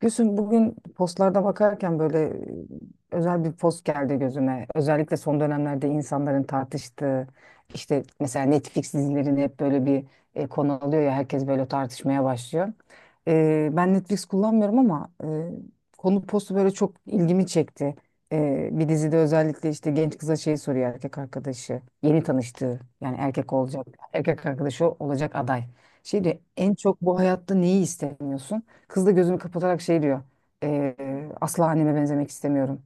Gülsüm, bugün postlarda bakarken böyle özel bir post geldi gözüme. Özellikle son dönemlerde insanların tartıştığı işte mesela Netflix dizilerini hep böyle bir konu alıyor ya, herkes böyle tartışmaya başlıyor. Ben Netflix kullanmıyorum ama konu postu böyle çok ilgimi çekti. Bir dizide özellikle işte genç kıza şey soruyor, erkek arkadaşı yeni tanıştığı, yani erkek olacak erkek arkadaşı olacak aday. Şey diyor: en çok bu hayatta neyi istemiyorsun? Kız da gözünü kapatarak şey diyor: "Ee, Asla anneme benzemek istemiyorum."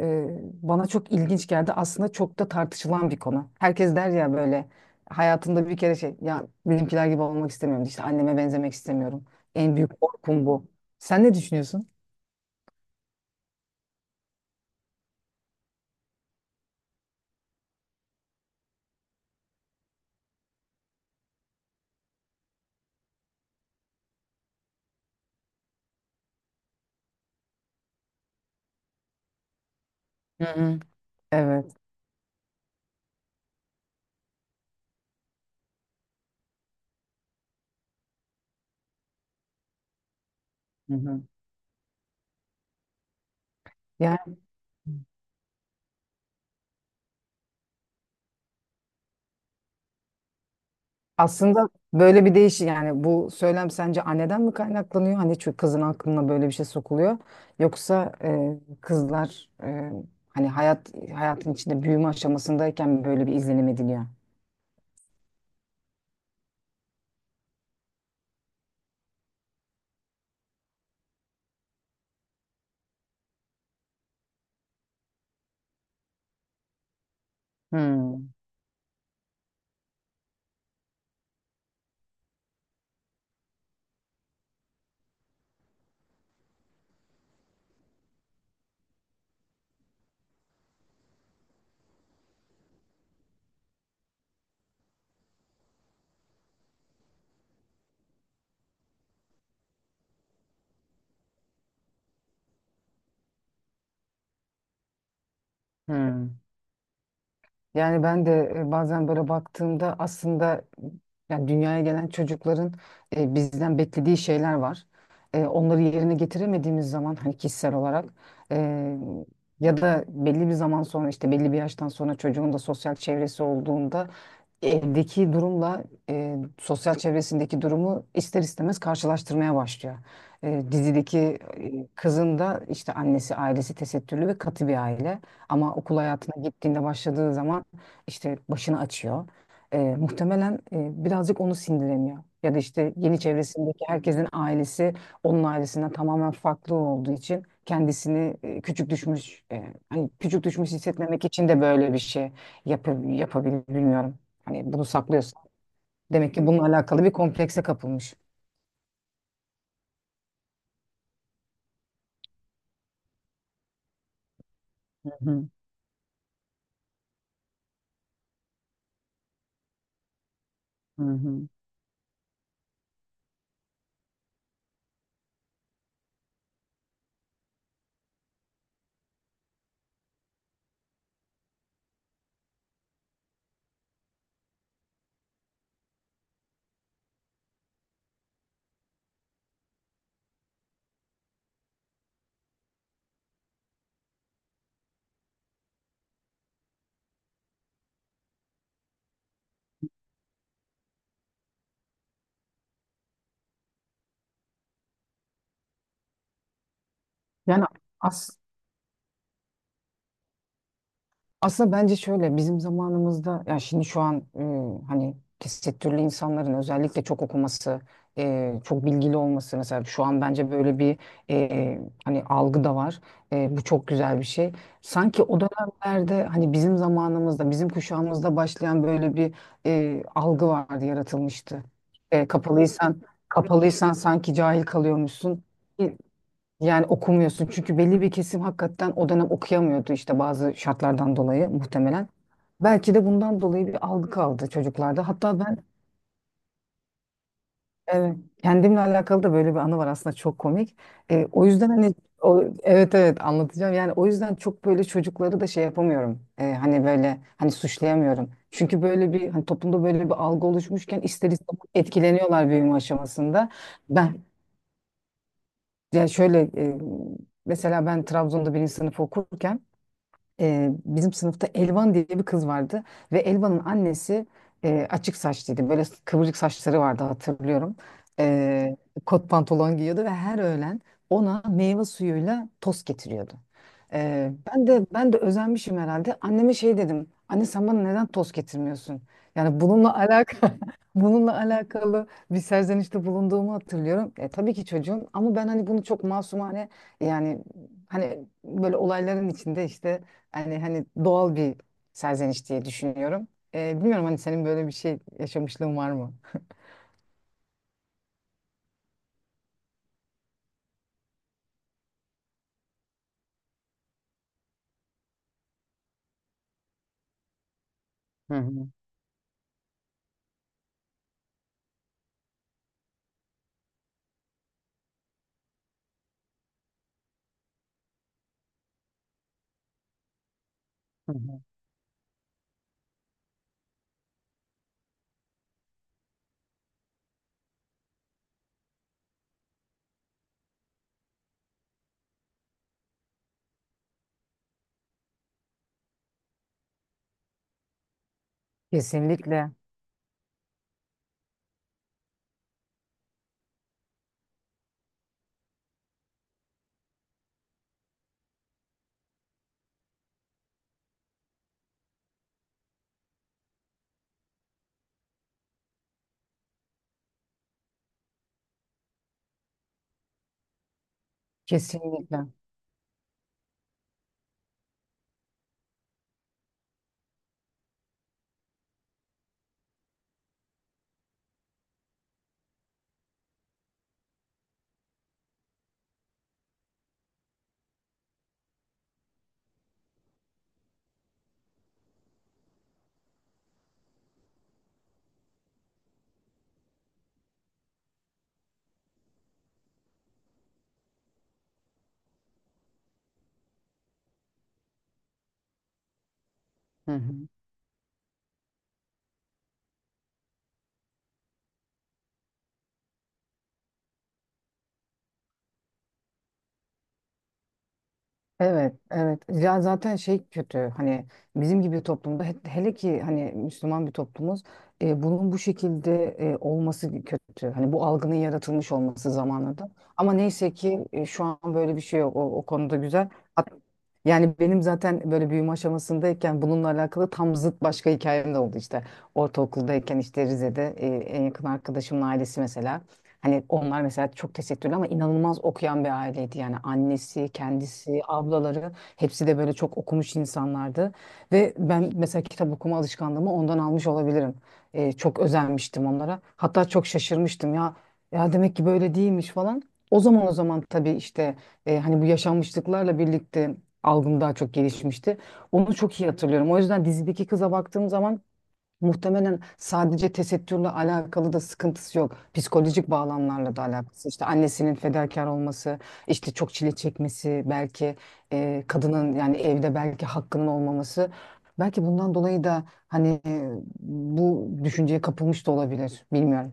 Bana çok ilginç geldi. Aslında çok da tartışılan bir konu. Herkes der ya, böyle hayatında bir kere şey, ya benimkiler gibi olmak istemiyorum. İşte anneme benzemek istemiyorum. En büyük korkum bu. Sen ne düşünüyorsun? Hı hı. Evet. Hı hı. Yani, aslında böyle bir yani bu söylem sence anneden mi kaynaklanıyor? Hani çünkü kızın aklına böyle bir şey sokuluyor. Yoksa kızlar hani hayatın içinde büyüme aşamasındayken mi böyle bir izlenim ediliyor? Hmm. Hmm. Yani ben de bazen böyle baktığımda aslında, yani dünyaya gelen çocukların bizden beklediği şeyler var. Onları yerine getiremediğimiz zaman hani kişisel olarak, e, ya da belli bir zaman sonra işte belli bir yaştan sonra çocuğun da sosyal çevresi olduğunda, evdeki durumla sosyal çevresindeki durumu ister istemez karşılaştırmaya başlıyor. Dizideki kızın da işte annesi, ailesi tesettürlü ve katı bir aile. Ama okul hayatına gittiğinde, başladığı zaman işte başını açıyor. Muhtemelen birazcık onu sindiremiyor. Ya da işte yeni çevresindeki herkesin ailesi onun ailesinden tamamen farklı olduğu için kendisini küçük düşmüş hissetmemek için de böyle bir şey yapabilir, bilmiyorum. Hani bunu saklıyorsun. Demek ki bununla alakalı bir komplekse kapılmış. Hı hı. Hı hı. Yani, as aslında bence şöyle: bizim zamanımızda, ya şimdi şu an, hani tesettürlü insanların özellikle çok okuması, çok bilgili olması, mesela şu an bence böyle bir e, hani algı da var. Bu çok güzel bir şey. Sanki o dönemlerde, hani bizim zamanımızda, bizim kuşağımızda başlayan böyle bir algı vardı, yaratılmıştı. E, kapalıysan kapalıysan sanki cahil kalıyormuşsun. Yani okumuyorsun, çünkü belli bir kesim hakikaten o dönem okuyamıyordu işte, bazı şartlardan dolayı muhtemelen. Belki de bundan dolayı bir algı kaldı çocuklarda. Hatta ben, evet, kendimle alakalı da böyle bir anı var aslında, çok komik. O yüzden hani, evet, evet, anlatacağım. Yani o yüzden çok böyle çocukları da şey yapamıyorum. Hani böyle, hani suçlayamıyorum. Çünkü böyle bir, hani toplumda böyle bir algı oluşmuşken ister istemez etkileniyorlar büyüme aşamasında. Ben Yani şöyle, mesela ben Trabzon'da birinci sınıf okurken, bizim sınıfta Elvan diye bir kız vardı ve Elvan'ın annesi açık saçlıydı. Böyle kıvırcık saçları vardı, hatırlıyorum. E, Kot pantolon giyiyordu ve her öğlen ona meyve suyuyla tost getiriyordu. Ben de özenmişim herhalde. Anneme şey dedim: Anne, sen bana neden tost getirmiyorsun? Yani bununla alakalı bununla alakalı bir serzenişte bulunduğumu hatırlıyorum. Tabii ki çocuğum, ama ben hani bunu çok masumane, yani hani böyle olayların içinde işte, yani hani doğal bir serzeniş diye düşünüyorum. Bilmiyorum hani, senin böyle bir şey yaşamışlığın var mı? Hı hı. Hı hı. Kesinlikle. Kesinlikle. Hı hı. Evet, evet. Ya zaten şey kötü, hani bizim gibi bir toplumda, hele ki hani Müslüman bir toplumuz, bunun bu şekilde olması kötü. Hani bu algının yaratılmış olması, zamanında. Ama neyse ki şu an böyle bir şey yok. O konuda güzel. Hat- Yani benim zaten böyle büyüme aşamasındayken bununla alakalı tam zıt başka hikayem de oldu işte. Ortaokuldayken işte Rize'de, en yakın arkadaşımın ailesi mesela. Hani onlar mesela çok tesettürlü ama inanılmaz okuyan bir aileydi. Yani annesi, kendisi, ablaları hepsi de böyle çok okumuş insanlardı. Ve ben mesela kitap okuma alışkanlığımı ondan almış olabilirim. Çok özenmiştim onlara. Hatta çok şaşırmıştım ya. Ya demek ki böyle değilmiş falan. O zaman tabii işte, hani bu yaşanmışlıklarla birlikte algım daha çok gelişmişti. Onu çok iyi hatırlıyorum. O yüzden dizideki kıza baktığım zaman muhtemelen sadece tesettürle alakalı da sıkıntısı yok. Psikolojik bağlamlarla da alakası. İşte annesinin fedakar olması, işte çok çile çekmesi, belki kadının, yani evde belki hakkının olmaması. Belki bundan dolayı da hani bu düşünceye kapılmış da olabilir. Bilmiyorum.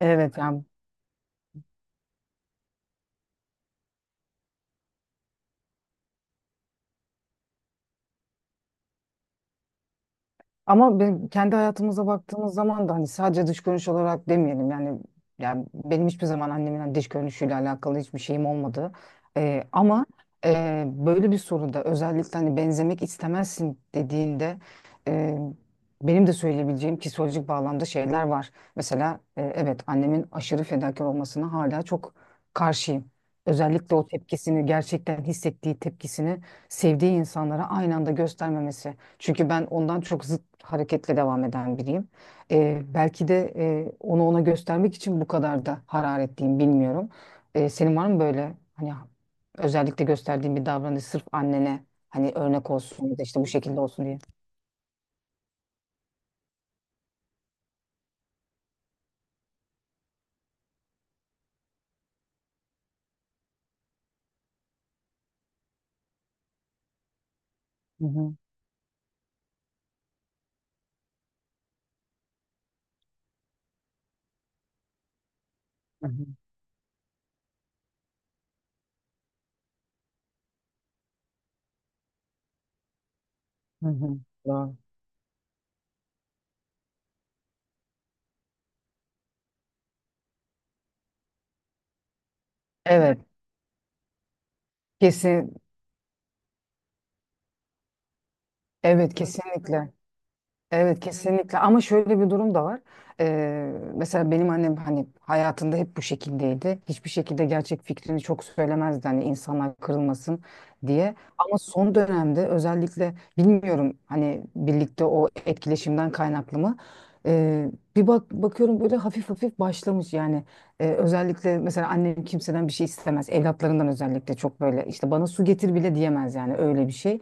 Evet, yani, ama kendi hayatımıza baktığımız zaman da hani sadece dış görünüş olarak demeyelim, yani yani benim hiçbir zaman annemin hani dış görünüşüyle alakalı hiçbir şeyim olmadı. Ama böyle bir soruda, özellikle hani benzemek istemezsin dediğinde, e, benim de söyleyebileceğim psikolojik bağlamda şeyler var. Mesela, evet, annemin aşırı fedakar olmasına hala çok karşıyım. Özellikle o tepkisini, gerçekten hissettiği tepkisini sevdiği insanlara aynı anda göstermemesi. Çünkü ben ondan çok zıt hareketle devam eden biriyim. Belki de onu ona göstermek için bu kadar da hararetliyim, bilmiyorum. Senin var mı böyle, hani özellikle gösterdiğin bir davranış, sırf annene hani örnek olsun ya da işte bu şekilde olsun diye? Hı hı. Hı hı. Hı hı. Doğru. Evet, kesin, evet, kesinlikle. Evet, kesinlikle, ama şöyle bir durum da var. Mesela benim annem hani hayatında hep bu şekildeydi. Hiçbir şekilde gerçek fikrini çok söylemezdi, hani insanlar kırılmasın diye. Ama son dönemde özellikle, bilmiyorum, hani birlikte o etkileşimden kaynaklı mı? Ee, Bir bakıyorum, böyle hafif hafif başlamış yani. Özellikle mesela annem kimseden bir şey istemez. Evlatlarından özellikle çok böyle, işte bana su getir bile diyemez yani, öyle bir şey.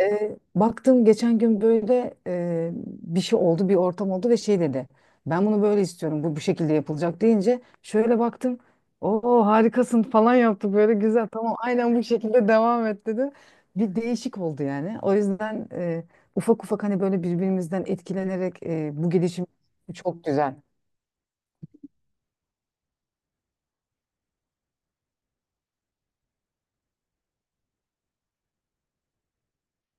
Baktım geçen gün böyle, bir şey oldu, bir ortam oldu ve şey dedi. Ben bunu böyle istiyorum, bu şekilde yapılacak deyince şöyle baktım. Oo, harikasın falan yaptı, böyle güzel, tamam, aynen bu şekilde devam et dedi. Bir değişik oldu yani. O yüzden ufak ufak hani böyle birbirimizden etkilenerek bu gelişim çok güzel.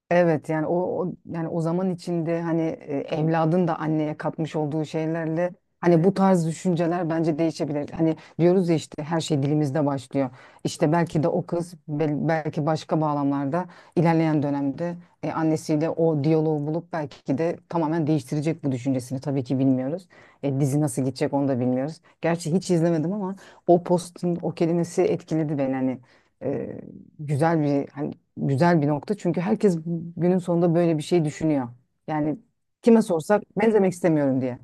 Evet, yani o, yani o zaman içinde hani evladın da anneye katmış olduğu şeylerle, hani bu tarz düşünceler bence değişebilir. Hani diyoruz ya, işte her şey dilimizde başlıyor. İşte belki de o kız, belki başka bağlamlarda, ilerleyen dönemde annesiyle o diyaloğu bulup belki de tamamen değiştirecek bu düşüncesini. Tabii ki bilmiyoruz. Dizi nasıl gidecek onu da bilmiyoruz. Gerçi hiç izlemedim ama o postun o kelimesi etkiledi beni, hani e, güzel bir hani güzel bir nokta. Çünkü herkes günün sonunda böyle bir şey düşünüyor. Yani kime sorsak benzemek istemiyorum diye.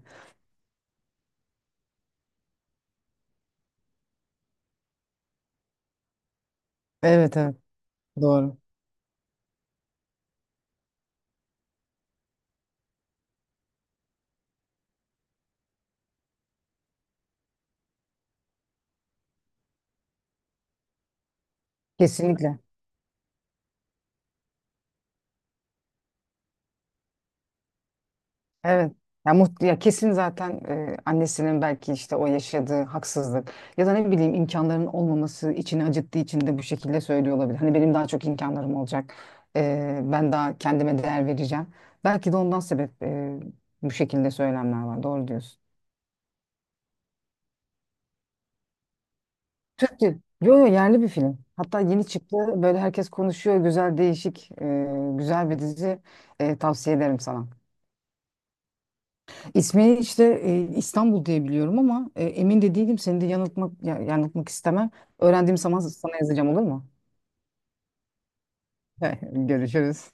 Evet, evet, doğru. Kesinlikle. Evet. Ya, kesin zaten, annesinin belki işte o yaşadığı haksızlık ya da ne bileyim imkanların olmaması içini acıttığı için de bu şekilde söylüyor olabilir. Hani benim daha çok imkanlarım olacak. Ben daha kendime değer vereceğim. Belki de ondan sebep, bu şekilde söylemler var. Doğru diyorsun. Türk değil. Yo, yo, yerli bir film. Hatta yeni çıktı. Böyle herkes konuşuyor. Güzel, değişik, güzel bir dizi. Tavsiye ederim sana. İsmi işte İstanbul diye biliyorum ama emin de değilim. Seni de yanıltmak istemem. Öğrendiğim zaman sana yazacağım, olur mu? Görüşürüz.